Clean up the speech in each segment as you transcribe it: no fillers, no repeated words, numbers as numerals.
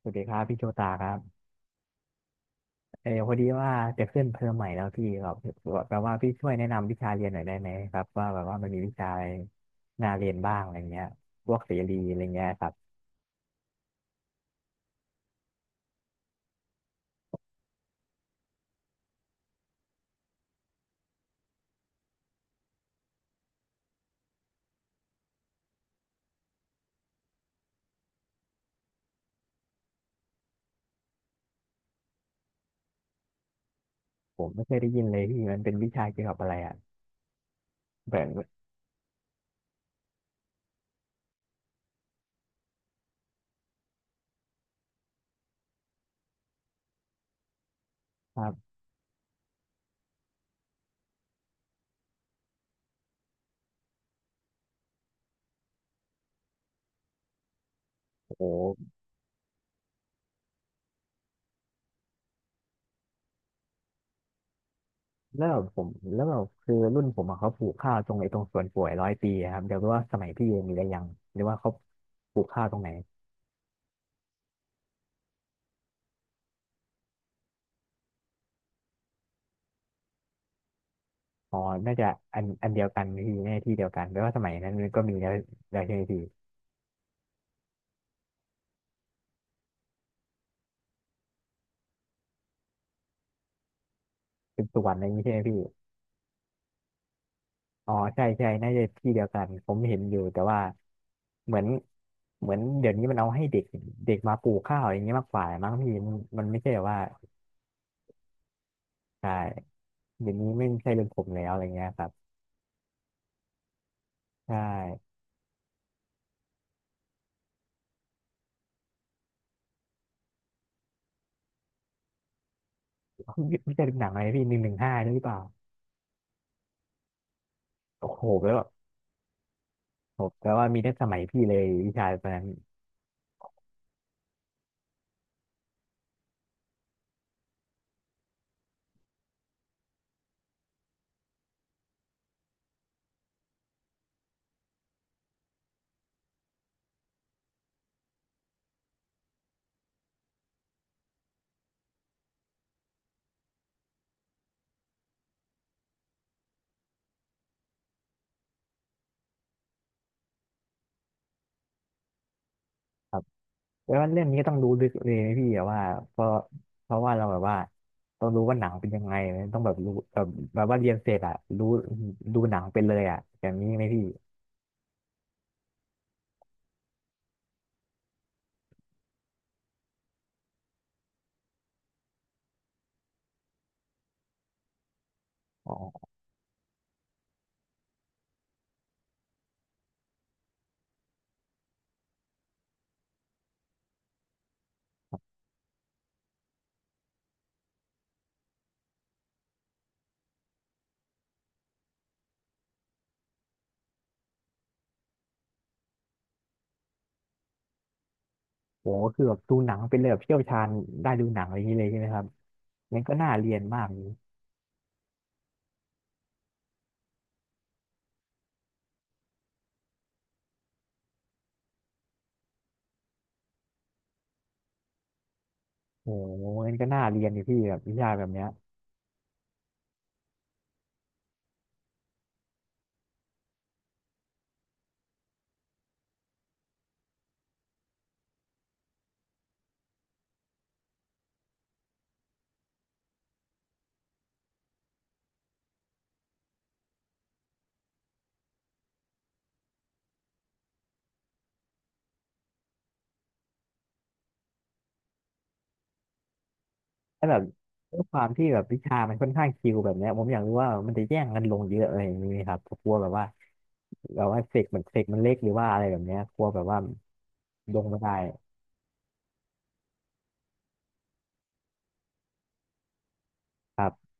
สวัสดีครับพี่โชตาครับพอดีว่าจะขึ้นเทอมใหม่แล้วพี่ครับแปลว่าพี่ช่วยแนะนำวิชาเรียนหน่อยได้ไหมครับว่าแบบว่ามันมีวิชาอะไรน่าเรียนบ้างอะไรเงี้ยพวกเสรีอะไรเงี้ยครับผมไม่เคยได้ยินเลยพี่มันเป็นวิชาเกี่ยวกับอะไรอ่ะแบบครับโอ้โหแล้วแบบผมแล้วแบบคือรุ่นผมอะเขาปลูกข้าวตรงไอ้ตรงสวนป่วยร้อยปีอะครับเดี๋ยวรู้ว่าสมัยพี่มีหรืยังหรือว่าเขาปลูกข้าวตรงไหนอ๋อน่าจะอันเดียวกันพี่แน่ที่เดียวกันแปลว่าสมัยนั้นมันก็มีแล้วใช่ไหมพี่ สืบสวนอะไรอ่งนี้ใช่ไหมพี่อ๋อใช่ใช่น่าจะที่เดียวกัน ผมเห็นอยู่แต่ว่าเหมือนเหมือนเดี๋ยวนี้มันเอาให้เด็กเด็กมาปลูกข้าวอย่างเงี้ยมากกว่ามั้งพี่มันมันไม่ใช่แบบว่าใช่เดี๋ยวนี้ไม่ใช่เรื่องผมแล้วอะไรเงี้ยครับใช่พี่จะดูหนังอะไรพี่หนึ่งหนึ่งห้าใช่หรือเปล่าโอ้โหแล้วแโอ้โหแปลว่ามีตั้งสมัยพี่เลยวิชาตอนนั้น แล้วเรื่องนี้ก็ต้องรู้ลึกเลยนะพี่อะว่าเพราะเพราะว่าเราแบบว่าต้องรู้ว่าหนังเป็นยังไงนะต้องแบบรู้แบบแบบว่าเรียนเสร็จอะรู้ดูหนังเป็นเลยอะอย่างนี้ไหมพี่อ๋อโหคือแบบดูหนังเป็นเลยแบบเชี่ยวชาญได้ดูหนังอะไรอย่างนี้เลยใช่ไหมครับงั้นก็น่าเรียนมากนี่โอ้โหงั้นก็น่าเรียนดิพี่แบบวิชาแบบเนี้ย แ้าแบบด้วยความที่แบบวิชามันค่อนข้างชิลแบบเนี้ยผมอยากรู้ว่ามันจะแย่งกันลงเยอะอะไรอย่างนี้ไหมครับกลัวแบบว่าแบบว่าเสกมันเล็กหรือว่าอะไรแบบเนี้ยกลัวแบบว่าลงไม่ได้ครับ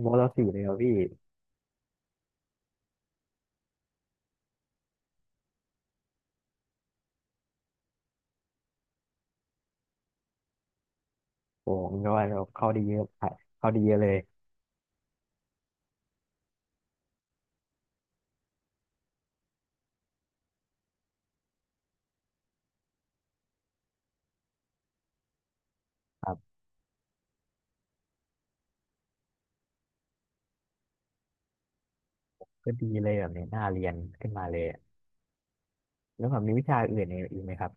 โมเราสี่เลยเหรอพี่โอ้ผมก็ว่าเราเข้าได้เยอะเข้าได้เยอะเลยครับก็ดีเลยแบบเนี้ยน่าเรียนขึ้นมาเลยแล้วแบบมีวิชาอื่นอีกไหมครับ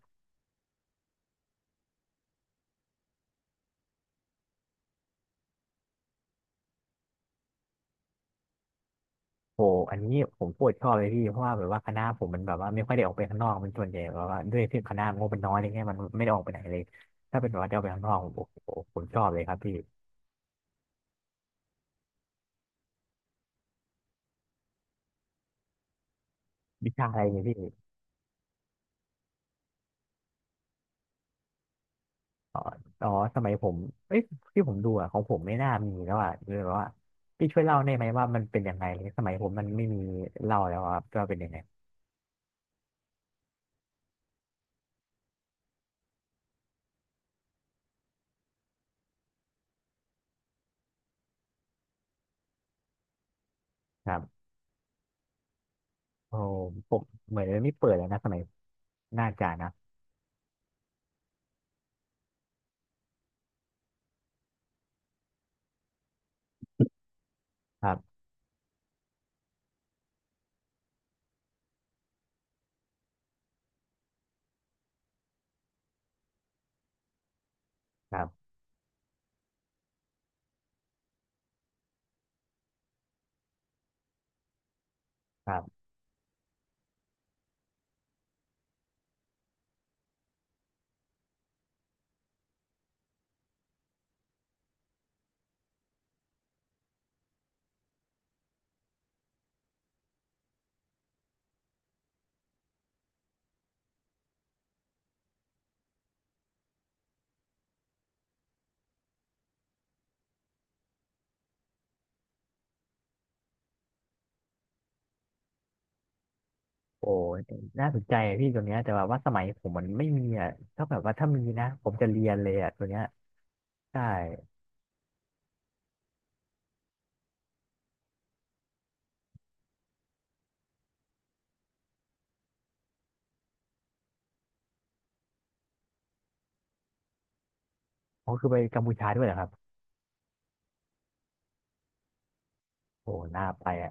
โหอันนี้ผมโคตรชอบเลยพี่เพราะว่าแบบว่าคณะผมมันแบบว่าไม่ค่อยได้ออกไปข้างนอกมันส่วนใหญ่แบบว่าด้วยที่คณะงบมันน้อยอะไรเงี้ยมันไม่ได้ออกไปไหนเลยถ้าเป็นแบบว่าได้ออกไปข้างนอกโอ้โหผมชอบเลยครับพี่วิชาอะไรเนี่ยพี่อ๋ออ๋อสมัยผมเอ้ยที่ผมดูอะของผมไม่น่ามีแล้วอะเลยแบบว่าพี่ช่วยเล่าได้ไหมว่ามันเป็นยังไงเลยสมัยผมมันไม่มีเล่าแล้วครับว่าเป็นยังไงครับโอ้ผมเหมือนไม่เปิดแล้วนะสมัยน่าจะนะครับครับครับ โอ้น่าสนใจอะพี่ตัวเนี้ยแต่ว่าสมัยผมมันไม่มีอ่ะถ้าแบบว่าถ้ามีนะผมจะเรียนเลยอ่ะตัวเนี้ยใช่เขาคือไปกัมพูชาด้วยเหรอครับโอ้น่าไปอ่ะ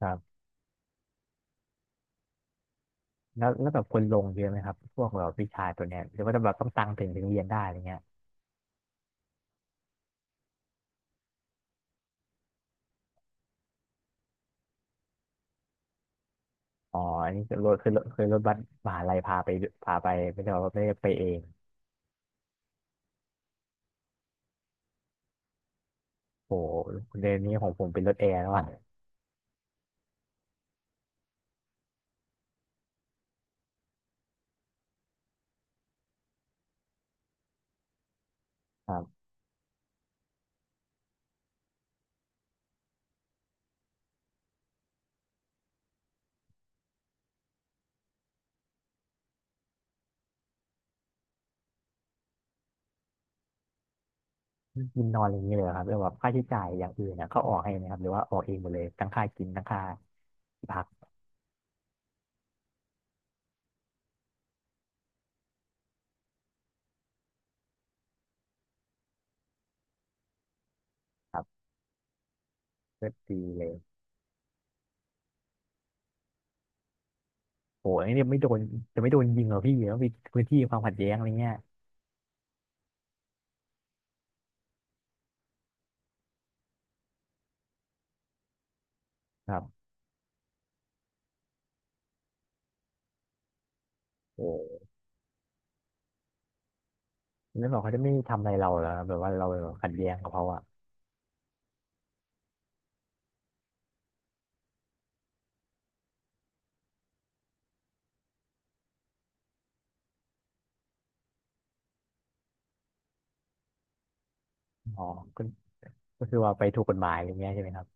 ครับแล้วแบบคนลงเยอะไหมครับพวกแบบวิชาตัวเนี้ยหรือว่าจะแบบต้องตังถึงเรียนได้อะไรเงี้ยอ๋ออันนี้คือรถบัสมหาลัยพาไปไม่ได้ไปเองโอ้เดือนนี้ของผมเป็นรถแอร์แล้วอ่ะครับกินนอนอะไรอย่างเงี้ยเลยเหรอครับแล้วแบบค่าใช้จ่ายอย่างอื่นนะเขาออกให้ไหมครับหรือว่าออกเองหมดเลยทั้งค่ากินทั้งค่าที่พัก ก็ดีเลยโหไอ้เนี่ยไม่โดนจะไม่โดนยิงเหรอพี่แล้วมีพื้นที่ความขัดแย้งอะไรเงี้ยครับโอ้แล้วบอกเขาจะไม่ทำอะไรเราเหรอแบบว่าเราแบบขัดแย้งกับเขาอ่ะอ๋อก็ก็คือว่าไปถูกกฎหมายอะไรเงี้ยใช่ไหมครับ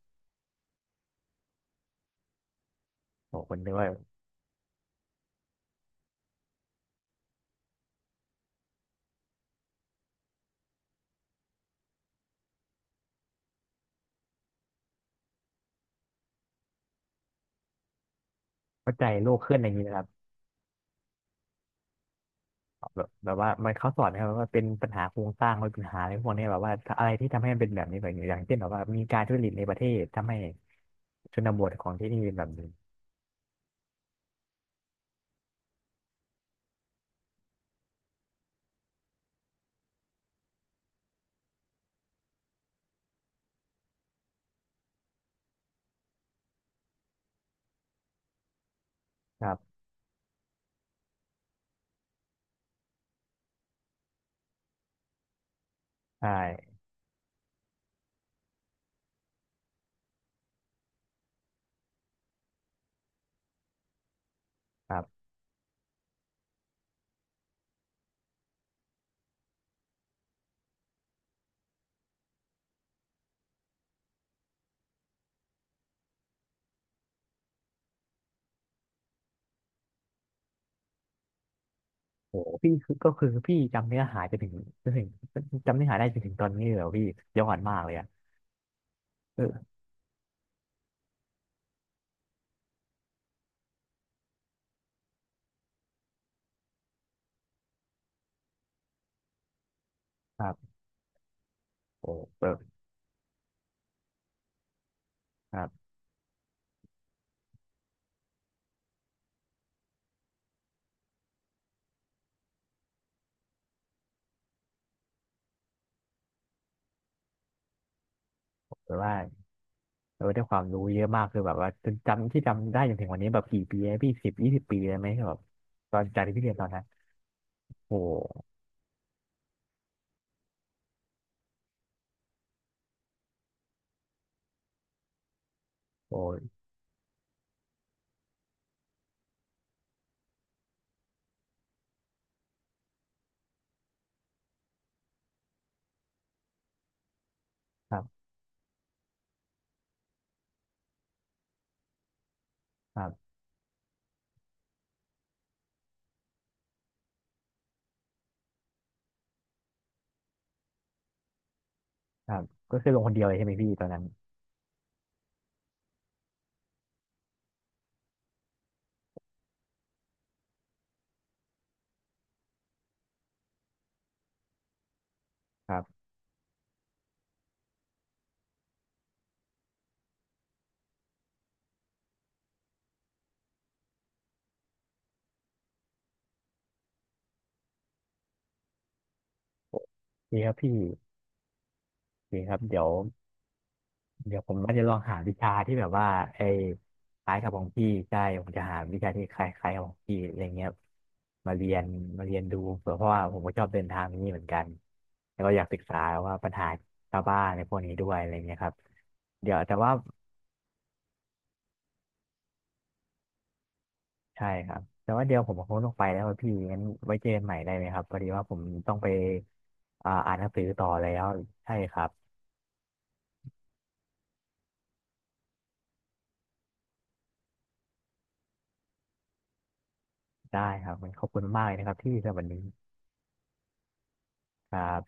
โอ้คนนึกว่าเข้าใจโลกเคลื่อนอะไรอย่างนี้นะครับแบบแบบว่ามันเขาสอนนะครับว่าเป็นปัญหาโครงสร้างมันเป็นปัญหาอะไรพวกเนี้ยแบบว่าอะไรที่ทำให้มันเป็นแบบนี้แบบนี้อย่างเช่นแบบว่ามีการทุจริตในประเทศทำให้ชนบทของที่นี่เป็นแบบนี้ครับใช่ครับ โอ้โหพี่คือก็คือพี่จำเนื้อหาจนถึงจำเนื้อหาได้จนถึงตอนนี้เลยเหรอพี่ย้อนมากเลยอะเออครับโอ้แบบครับแบบว่าเออได้ความรู้เยอะมากคือแบบว่าจนจำที่จำได้จนถึงวันนี้แบบกี่ปีแลพี่สิบยี่สิบปีเลยไหมแบบตอนจากที่พี่เรียนตอนนั้นโอ้โหโอ้ยครับครับครับก็คือลงคนเดียวเลยใช่ไหมพี่ตอนนั้นครับโอเคครับพี่โอเคครับเดี๋ยว เดี๋ยวผมว่าจะลองหาวิชาที่แบบว่าไอ้คล้ายกับของพี่ใช่ผมจะหาวิชาที่คล้ายๆกับของพี่อะไรเงี้ยมาเรียนมาเรียนดูเผื่อเพราะว่าผมก็ชอบเดินทางนี้เหมือนกันแล้วก็อยากศึกษาว่าปัญหาชาวบ้านในพวกนี้ด้วยอะไรเงี้ยครับเดี๋ยวแต่ว่าใช่ครับแต่ว่าเดี๋ยวผมคงต้องไปแล้วอะพี่งั้นไว้เจอกันใหม่ได้ไหมครับพอดีว่าผมต้องไปอ่านหนังสือต่อแล้วใช่ครับได้ครับมันขอบคุณมากเลยนะครับที่สำหรับวันนี้ครับ